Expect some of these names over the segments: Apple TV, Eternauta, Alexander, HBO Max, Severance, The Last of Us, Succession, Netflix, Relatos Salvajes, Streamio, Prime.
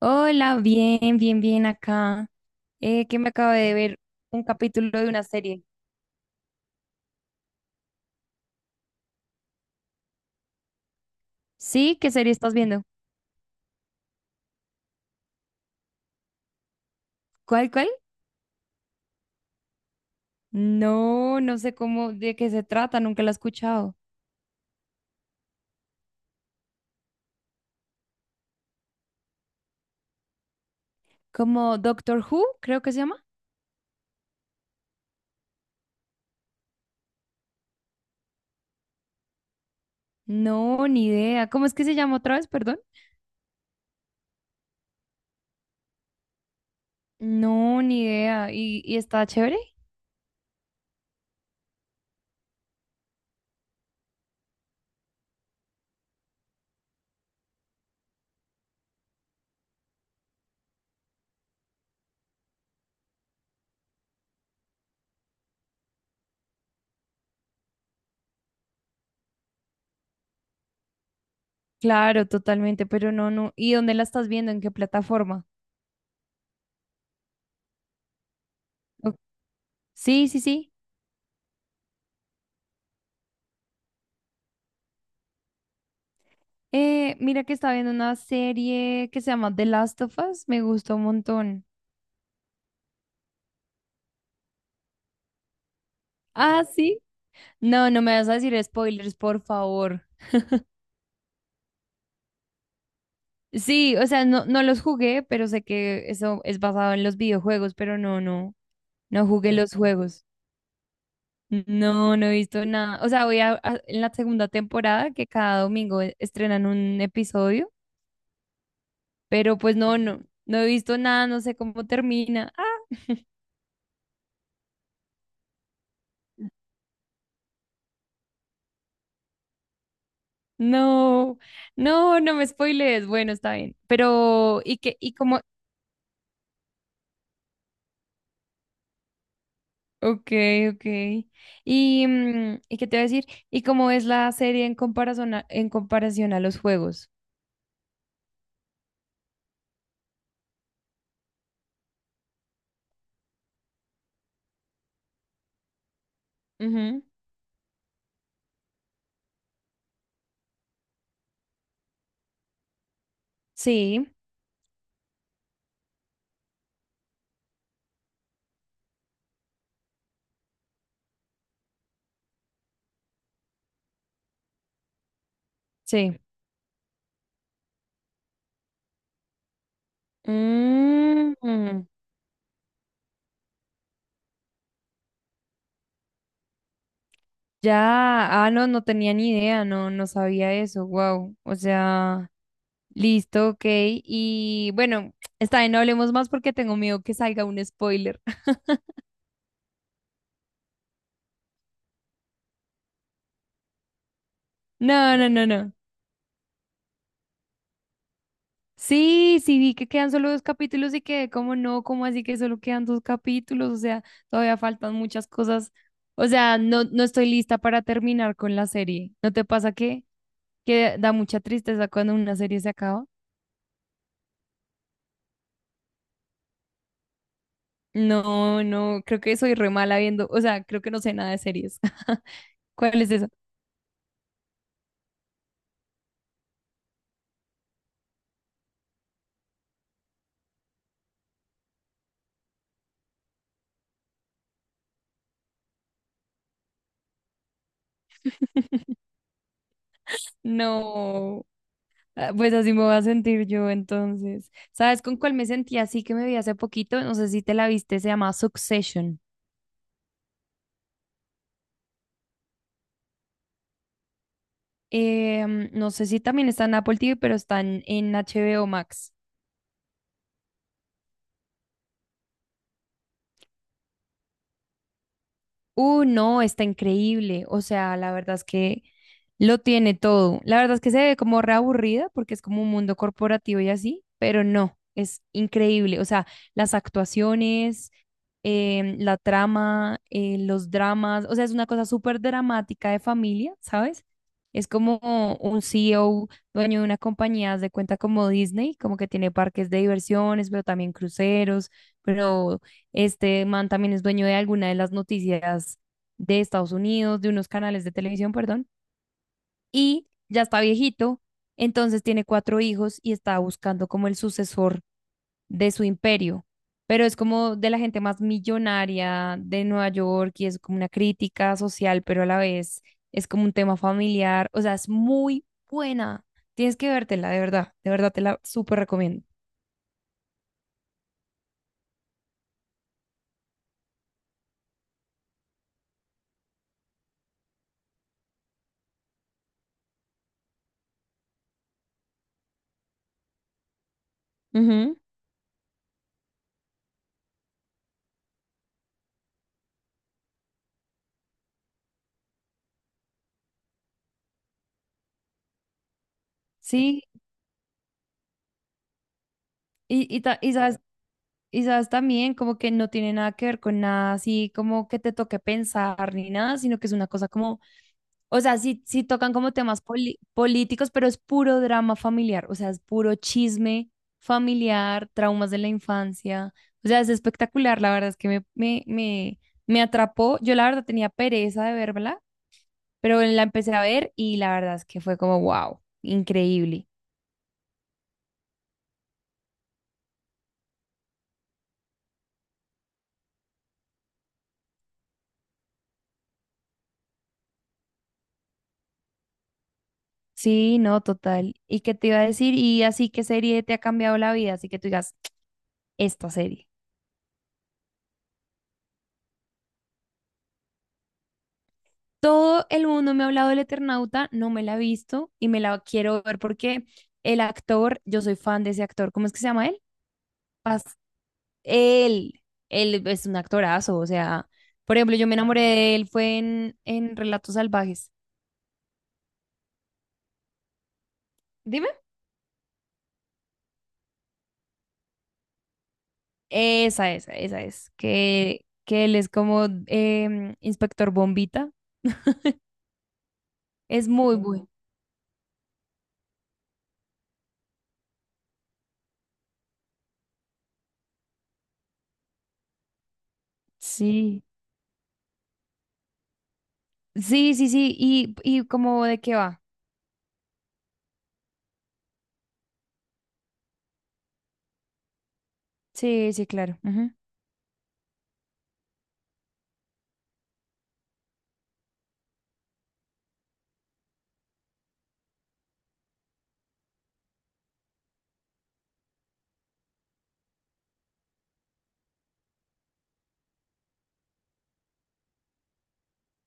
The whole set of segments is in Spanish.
Hola, bien, bien, bien acá. Que me acabo de ver un capítulo de una serie. ¿Sí? ¿Qué serie estás viendo? ¿Cuál, cuál? No, no sé cómo, de qué se trata, nunca la he escuchado. ¿Como Doctor Who, creo que se llama? No, ni idea. ¿Cómo es que se llama otra vez, perdón? No, ni idea. Y está chévere? Claro, totalmente, pero no, no. ¿Y dónde la estás viendo? ¿En qué plataforma? O- Sí, sí, sí. Mira que estaba viendo una serie que se llama The Last of Us, me gustó un montón. Ah, sí. No, no me vas a decir spoilers, por favor. Sí, o sea, no, no los jugué, pero sé que eso es basado en los videojuegos, pero no, no, no jugué los juegos. No, no he visto nada. O sea, en la segunda temporada que cada domingo estrenan un episodio, pero pues no, no, no he visto nada, no sé cómo termina. Ah, no, no, no me spoilees. Bueno, está bien. Pero, ¿y qué, y cómo ok, ok? Y, ¿y qué te voy a decir? ¿Y cómo es la serie en comparación a los juegos? Ujú. Sí, sí. Mm, mm. Ya, ah, no, no tenía ni idea, no, no sabía eso, wow. O sea, listo, ok. Y bueno, está bien, no hablemos más porque tengo miedo que salga un spoiler. No, no, no, no. Sí, sí, vi que quedan solo dos capítulos y que, como no? como así que solo quedan dos capítulos? O sea, todavía faltan muchas cosas. O sea, no, no estoy lista para terminar con la serie. ¿No te pasa que da mucha tristeza cuando una serie se acaba? No, no, creo que soy re mala viendo, o sea, creo que no sé nada de series. ¿Cuál es esa? No, ah, pues así me voy a sentir yo entonces. ¿Sabes con cuál me sentí así que me vi hace poquito? No sé si te la viste, se llama Succession. No sé si también está en Apple TV, pero está en HBO Max. No, está increíble. O sea, la verdad es que lo tiene todo. La verdad es que se ve como reaburrida porque es como un mundo corporativo y así, pero no, es increíble. O sea, las actuaciones, la trama, los dramas, o sea, es una cosa súper dramática de familia, ¿sabes? Es como un CEO, dueño de una compañía, haz de cuenta como Disney, como que tiene parques de diversiones, pero también cruceros, pero este man también es dueño de alguna de las noticias de Estados Unidos, de unos canales de televisión, perdón, y ya está viejito, entonces tiene cuatro hijos y está buscando como el sucesor de su imperio, pero es como de la gente más millonaria de Nueva York y es como una crítica social, pero a la vez es como un tema familiar, o sea, es muy buena. Tienes que vértela, de verdad te la súper recomiendo. Ujú, sí, y sabes y sabes también como que no tiene nada que ver con nada así como que te toque pensar ni nada, sino que es una cosa como, o sea, sí, sí tocan como temas políticos, pero es puro drama familiar, o sea, es puro chisme familiar, traumas de la infancia, o sea, es espectacular, la verdad es que me atrapó, yo la verdad tenía pereza de verla, pero la empecé a ver y la verdad es que fue como, wow, increíble. Sí, no, total. ¿Y qué te iba a decir? Y así, ¿qué serie te ha cambiado la vida? Así que tú digas. Esta serie. Todo el mundo me ha hablado del Eternauta, no me la he visto y me la quiero ver porque el actor, yo soy fan de ese actor, ¿cómo es que se llama él? Pas él, él es un actorazo, o sea, por ejemplo, yo me enamoré de él, fue en Relatos Salvajes. Dime. Esa es, que él es como Inspector Bombita. Es muy bueno. Sí, sí, sí, sí, y como de qué va. Sí, sí, claro.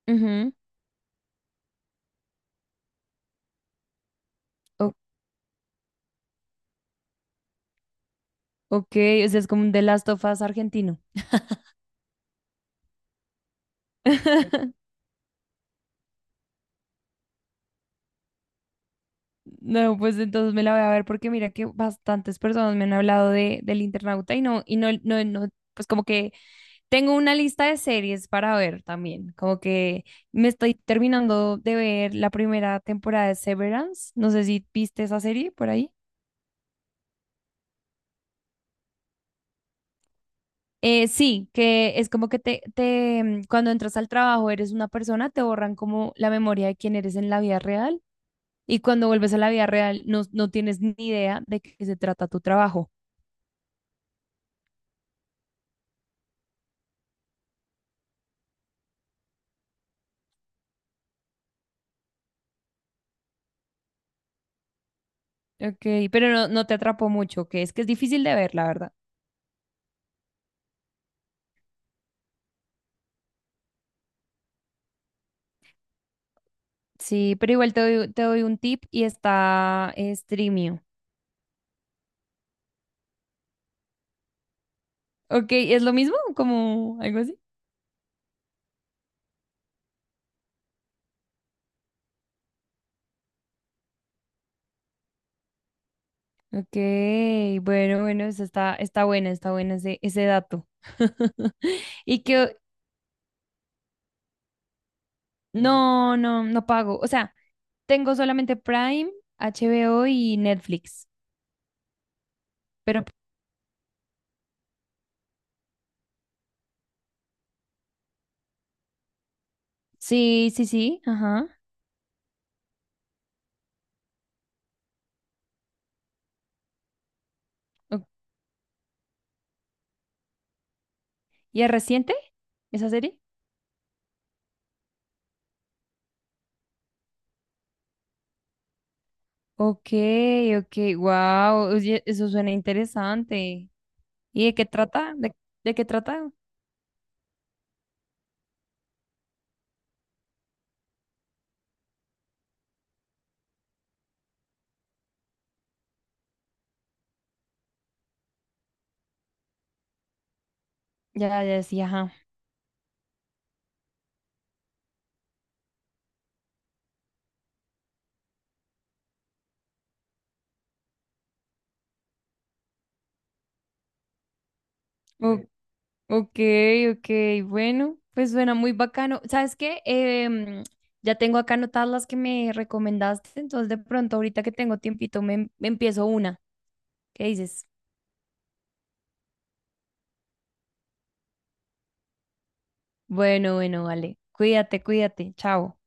Ujú, ujú. Ok, o sea, es como un The Last of Us argentino. No, pues entonces me la voy a ver porque mira que bastantes personas me han hablado de, del Internauta y no, no, no, pues como que tengo una lista de series para ver también, como que me estoy terminando de ver la primera temporada de Severance, no sé si viste esa serie por ahí. Sí, que es como que cuando entras al trabajo eres una persona, te borran como la memoria de quién eres en la vida real y cuando vuelves a la vida real, no, no tienes ni idea de qué se trata tu trabajo. Ok, pero no, no te atrapó mucho, que es difícil de ver, la verdad. Sí, pero igual te doy un tip y está Streamio. Ok, ¿es lo mismo? ¿Como algo así? Ok, bueno, bueno, eso está, está buena ese, ese dato. Y que no, no, no pago. O sea, tengo solamente Prime, HBO y Netflix. Pero sí, sí, sí, ajá. Ok. ¿Y es reciente? Esa serie. Ok, ok, wow, oye, eso suena interesante. ¿Y de qué trata? De qué trata? Ya, ya, sí, ajá. O- ok, ok, bueno, pues suena muy bacano. ¿Sabes qué? Em, ya tengo acá anotadas las que me recomendaste, entonces de pronto ahorita que tengo tiempito me empiezo una. ¿Qué dices? Bueno, bueno, vale. Cuídate, cuídate. Chao.